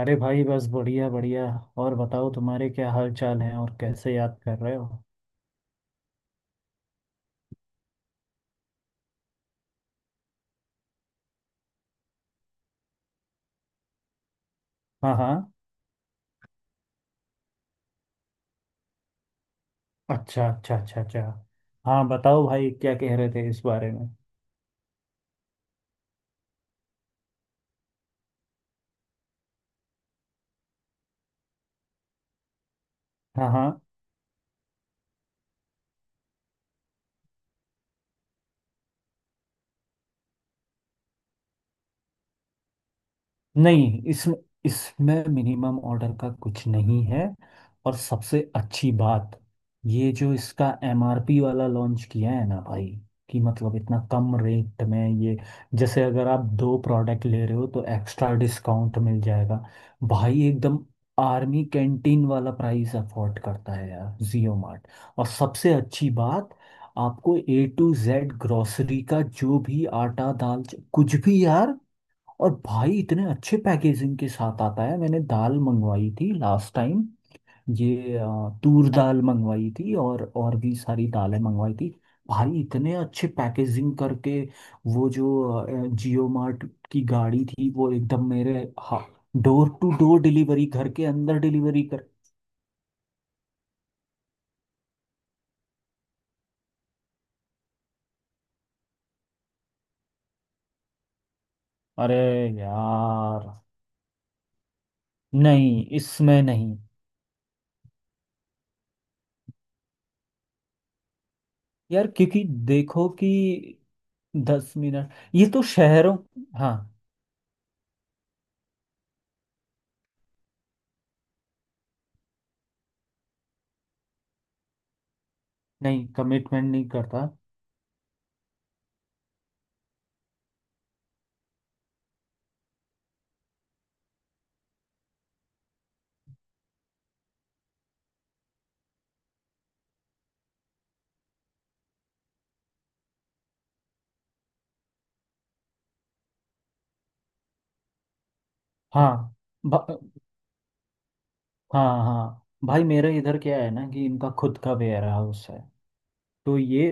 अरे भाई, बस बढ़िया बढ़िया। और बताओ तुम्हारे क्या हाल चाल है और कैसे याद कर रहे हो? हाँ हाँ। अच्छा अच्छा अच्छा अच्छा। हाँ, बताओ भाई क्या कह रहे थे इस बारे में? हाँ हाँ। नहीं, इसमें इसमें मिनिमम ऑर्डर का कुछ नहीं है। और सबसे अच्छी बात, ये जो इसका एमआरपी वाला लॉन्च किया है ना भाई, कि मतलब इतना कम रेट में ये, जैसे अगर आप दो प्रोडक्ट ले रहे हो तो एक्स्ट्रा डिस्काउंट मिल जाएगा। भाई एकदम आर्मी कैंटीन वाला प्राइस अफोर्ड करता है यार जियो मार्ट। और सबसे अच्छी बात, आपको ए टू जेड ग्रोसरी का जो भी आटा दाल, कुछ भी यार। और भाई इतने अच्छे पैकेजिंग के साथ आता है। मैंने दाल मंगवाई थी लास्ट टाइम। ये तूर दाल मंगवाई थी और भी सारी दालें मंगवाई थी। भाई इतने अच्छे पैकेजिंग करके, वो जो जियो मार्ट की गाड़ी थी वो एकदम मेरे, हा, डोर टू डोर डिलीवरी, घर के अंदर डिलीवरी कर। अरे यार, नहीं इसमें नहीं। यार क्योंकि देखो कि 10 मिनट, ये तो शहरों। हाँ। नहीं, कमिटमेंट नहीं करता। हाँ। ब- हाँ हाँ भाई, मेरे इधर क्या है ना कि इनका खुद का वेयर हाउस है। तो ये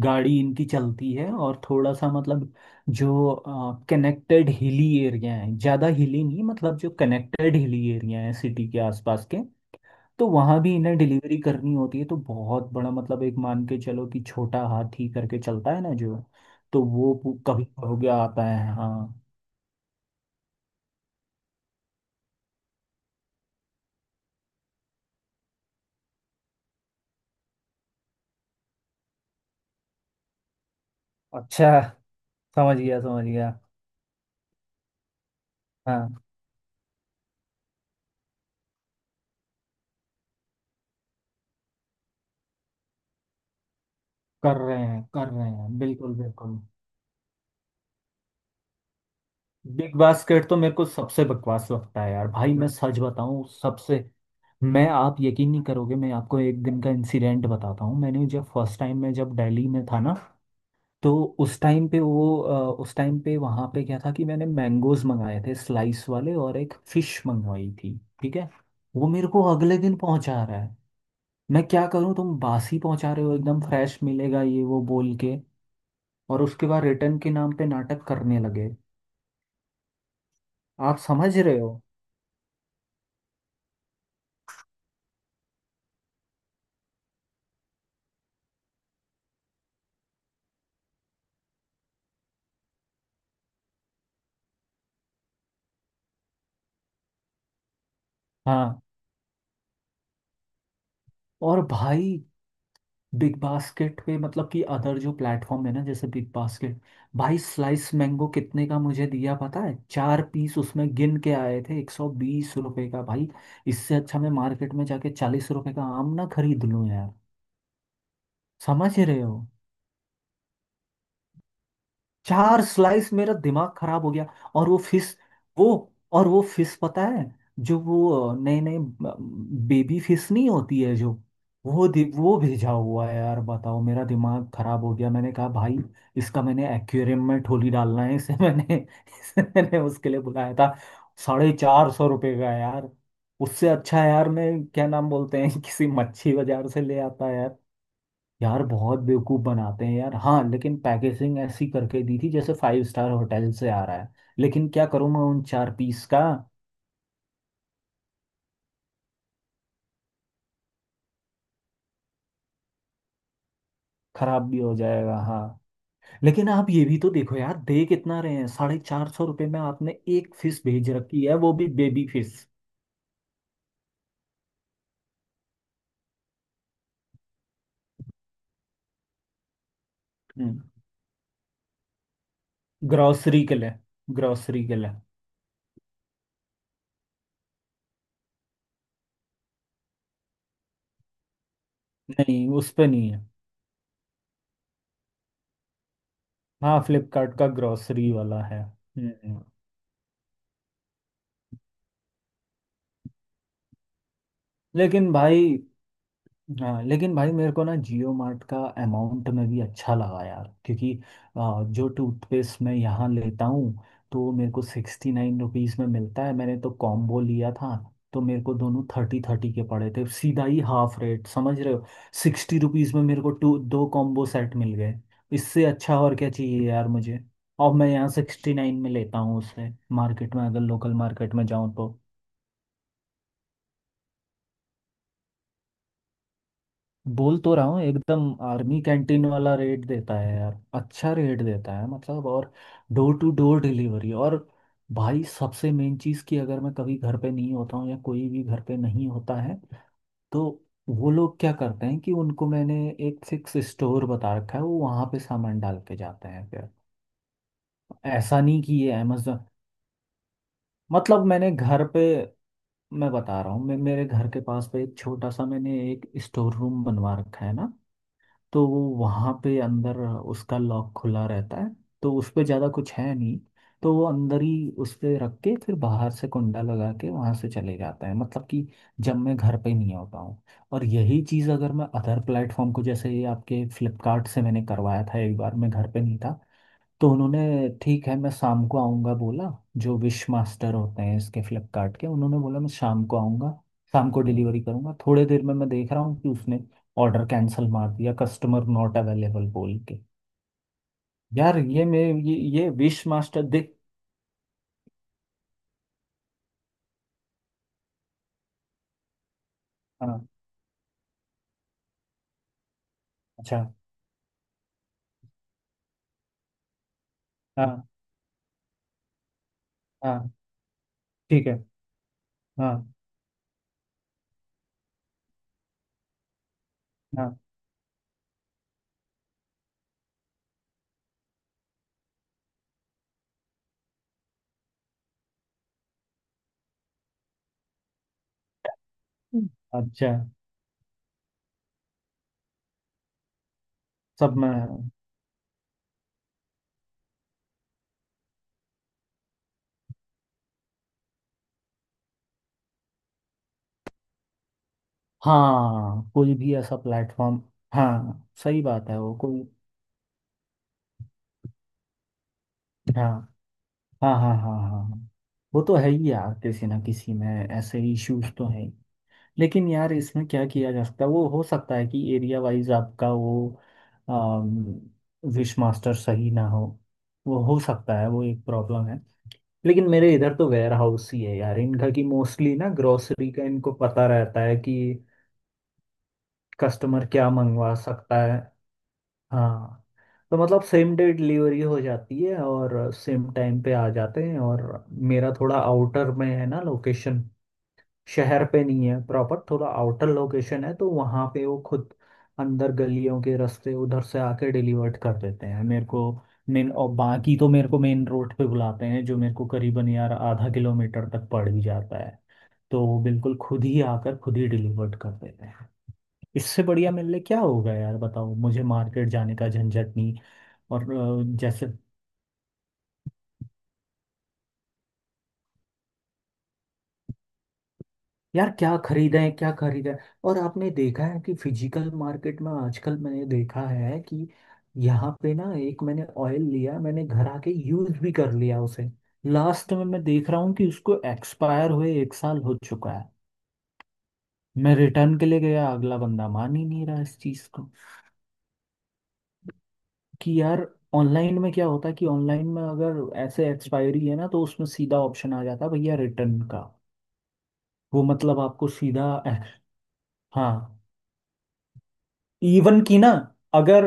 गाड़ी इनकी चलती है। और थोड़ा सा मतलब, जो कनेक्टेड हिली एरिया है, ज़्यादा हिली नहीं, मतलब जो कनेक्टेड हिली एरिया है सिटी के आसपास के, तो वहाँ भी इन्हें डिलीवरी करनी होती है। तो बहुत बड़ा, मतलब एक मान के चलो कि छोटा हाथी करके चलता है ना जो, तो वो कभी हो गया आता है। हाँ। अच्छा। समझ गया समझ गया। कर रहे हैं बिल्कुल बिल्कुल। बिग बास्केट तो मेरे को सबसे बकवास लगता है यार। भाई मैं सच बताऊं, सबसे, मैं आप यकीन नहीं करोगे, मैं आपको एक दिन का इंसिडेंट बताता हूँ। मैंने जब फर्स्ट टाइम मैं जब दिल्ली में था ना, तो उस टाइम पे वहाँ पे क्या था कि मैंने मैंगोज मंगाए थे स्लाइस वाले, और एक फिश मंगवाई थी। ठीक है। वो मेरे को अगले दिन पहुंचा रहा है। मैं क्या करूँ, तुम बासी पहुंचा रहे हो, एकदम फ्रेश मिलेगा ये वो बोल के। और उसके बाद रिटर्न के नाम पे नाटक करने लगे। आप समझ रहे हो? हाँ। और भाई बिग बास्केट पे, मतलब कि अदर जो प्लेटफॉर्म है ना जैसे बिग बास्केट। भाई स्लाइस मैंगो कितने का मुझे दिया पता है? चार पीस उसमें गिन के आए थे, ₹120 का भाई। इससे अच्छा मैं मार्केट में जाके ₹40 का आम ना खरीद लूं यार। समझ रहे हो? चार स्लाइस, मेरा दिमाग खराब हो गया। और वो फिश वो और वो फिश पता है, जो वो नए नए बेबी फिश नहीं होती है जो, वो भेजा हुआ है यार। बताओ, मेरा दिमाग खराब हो गया। मैंने कहा भाई, इसका मैंने एक्वेरियम में ठोली डालना है इसे? मैंने इसे मैंने उसके लिए बुलाया था, ₹450 का यार। उससे अच्छा यार, मैं क्या नाम बोलते हैं, किसी मच्छी बाजार से ले आता। यार बहुत बेवकूफ बनाते हैं यार। हाँ लेकिन पैकेजिंग ऐसी करके दी थी जैसे 5 स्टार होटल से आ रहा है। लेकिन क्या करूँ मैं उन चार पीस का। खराब भी हो जाएगा, हाँ। लेकिन आप ये भी तो देखो यार, दे कितना रहे हैं, ₹450 में आपने एक फिश भेज रखी है वो भी बेबी फिश। हम्म। ग्रॉसरी के लिए। ग्रॉसरी के लिए। नहीं, उस पे नहीं है। हाँ, फ्लिपकार्ट का ग्रॉसरी वाला है। हम्म। लेकिन भाई, हाँ लेकिन भाई, मेरे को ना जियो मार्ट का अमाउंट में भी अच्छा लगा यार। क्योंकि जो टूथपेस्ट मैं यहाँ लेता हूँ, तो मेरे को ₹69 में मिलता है। मैंने तो कॉम्बो लिया था, तो मेरे को दोनों 30 30 के पड़े थे। सीधा ही हाफ रेट, समझ रहे हो? ₹60 में मेरे को टू दो कॉम्बो सेट मिल गए। इससे अच्छा और क्या चाहिए यार मुझे? और मैं यहाँ 69 में लेता हूँ, उससे मार्केट में, अगर लोकल मार्केट में जाऊँ तो। बोल तो रहा हूँ, एकदम आर्मी कैंटीन वाला रेट देता है यार, अच्छा रेट देता है मतलब। और डोर टू डोर डिलीवरी। और भाई सबसे मेन चीज़ कि अगर मैं कभी घर पे नहीं होता हूँ या कोई भी घर पे नहीं होता है, तो वो लोग क्या करते हैं कि उनको मैंने एक फिक्स स्टोर बता रखा है। वो वहाँ पे सामान डाल के जाते हैं फिर। ऐसा नहीं कि ये अमेजोन, मतलब मैंने घर पे, मैं बता रहा हूँ, मैं मेरे घर के पास पे एक छोटा सा मैंने एक स्टोर रूम बनवा रखा है ना, तो वो वहाँ पे अंदर, उसका लॉक खुला रहता है, तो उस पे ज़्यादा कुछ है नहीं, तो वो अंदर ही उस पे रख के फिर बाहर से कुंडा लगा के वहाँ से चले जाते हैं, मतलब कि जब मैं घर पे नहीं होता हूँ। और यही चीज़ अगर मैं अदर प्लेटफॉर्म को, जैसे ये आपके फ्लिपकार्ट से मैंने करवाया था एक बार, मैं घर पे नहीं था, तो उन्होंने ठीक है, मैं शाम को आऊँगा बोला। जो विश मास्टर होते हैं इसके फ्लिपकार्ट के, उन्होंने बोला मैं शाम को आऊँगा, शाम को डिलीवरी करूँगा। थोड़े देर में मैं देख रहा हूँ कि उसने ऑर्डर कैंसिल मार दिया, कस्टमर नॉट अवेलेबल बोल के। यार ये मैं ये विश मास्टर, देख। हाँ। अच्छा। हाँ हाँ। ठीक है। हाँ हाँ। हम्म। अच्छा। सब में। हाँ, कोई भी ऐसा प्लेटफॉर्म। हाँ, सही बात है, वो कोई। हाँ हाँ हाँ हाँ हाँ हाँ। वो तो है ही यार, किसी ना किसी में ऐसे इश्यूज तो है ही। लेकिन यार इसमें क्या किया जा सकता है, वो हो सकता है कि एरिया वाइज आपका वो विश मास्टर सही ना हो। वो हो सकता है, वो एक प्रॉब्लम है। लेकिन मेरे इधर तो वेयर हाउस ही है यार इनका, कि मोस्टली ना ग्रोसरी का इनको पता रहता है कि कस्टमर क्या मंगवा सकता है। हाँ, तो मतलब सेम डे डिलीवरी हो जाती है और सेम टाइम पे आ जाते हैं। और मेरा थोड़ा आउटर में है ना लोकेशन, शहर पे नहीं है प्रॉपर, थोड़ा आउटर लोकेशन है, तो वहाँ पे वो खुद अंदर गलियों के रास्ते उधर से आके डिलीवर्ड कर देते हैं मेरे को। मेन, और बाकी तो मेरे को मेन रोड पे बुलाते हैं, जो मेरे को करीबन यार आधा किलोमीटर तक पड़ ही जाता है। तो वो बिल्कुल खुद ही आकर खुद ही डिलीवर्ड कर देते हैं। इससे बढ़िया मेरे लिए क्या होगा यार, बताओ, मुझे मार्केट जाने का झंझट नहीं। और जैसे यार क्या खरीदें क्या खरीदें। और आपने देखा है कि फिजिकल मार्केट में आजकल, मैंने देखा है कि यहाँ पे ना एक मैंने ऑयल लिया, मैंने घर आके यूज भी कर लिया उसे, लास्ट में मैं देख रहा हूँ कि उसको एक्सपायर हुए एक साल हो चुका है। मैं रिटर्न के लिए गया, अगला बंदा मान ही नहीं रहा इस चीज़ को कि यार, ऑनलाइन में क्या होता है कि ऑनलाइन में अगर ऐसे एक्सपायरी है ना, तो उसमें सीधा ऑप्शन आ जाता है भैया रिटर्न का, वो मतलब आपको सीधा। हाँ। इवन की ना। अगर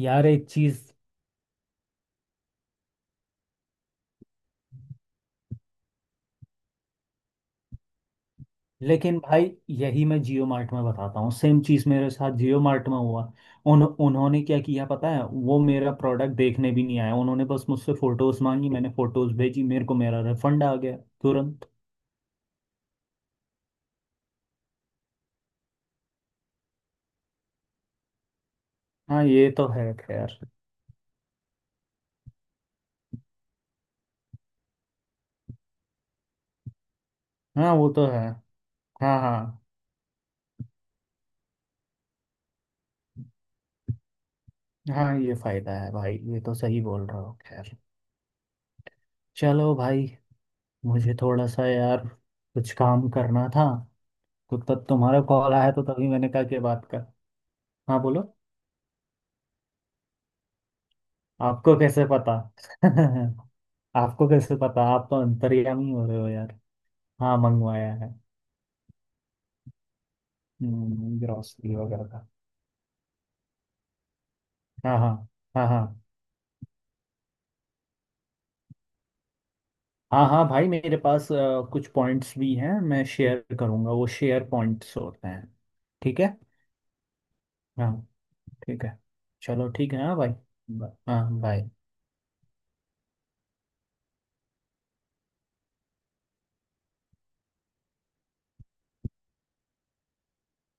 यार, एक चीज। लेकिन भाई, यही मैं जियो मार्ट में बताता हूँ, सेम चीज मेरे साथ जियो मार्ट में हुआ। उन्होंने क्या किया पता है, वो मेरा प्रोडक्ट देखने भी नहीं आया, उन्होंने बस मुझसे फोटोज मांगी, मैंने फोटोज भेजी, मेरे को मेरा रिफंड आ गया तुरंत। हाँ, ये तो है खैर। हाँ वो तो है। हाँ हाँ हाँ। ये फायदा है भाई, ये तो सही बोल रहा हो, खैर। चलो भाई, मुझे थोड़ा सा यार कुछ काम करना था, तो तब तुम्हारा कॉल आया तो तभी मैंने कहा कि बात कर। हाँ बोलो। आपको कैसे पता? आपको कैसे पता? आप तो अंतर्यामी हो रहे हो यार। हाँ मंगवाया है। ग्रोसरी वगैरह का। हाँ हाँ हाँ हाँ हाँ। हाँ भाई मेरे पास कुछ पॉइंट्स भी हैं, मैं शेयर करूँगा, वो शेयर पॉइंट्स होते हैं। ठीक है। हाँ। ठीक है, चलो ठीक है, हाँ भाई। बस। हाँ बाय।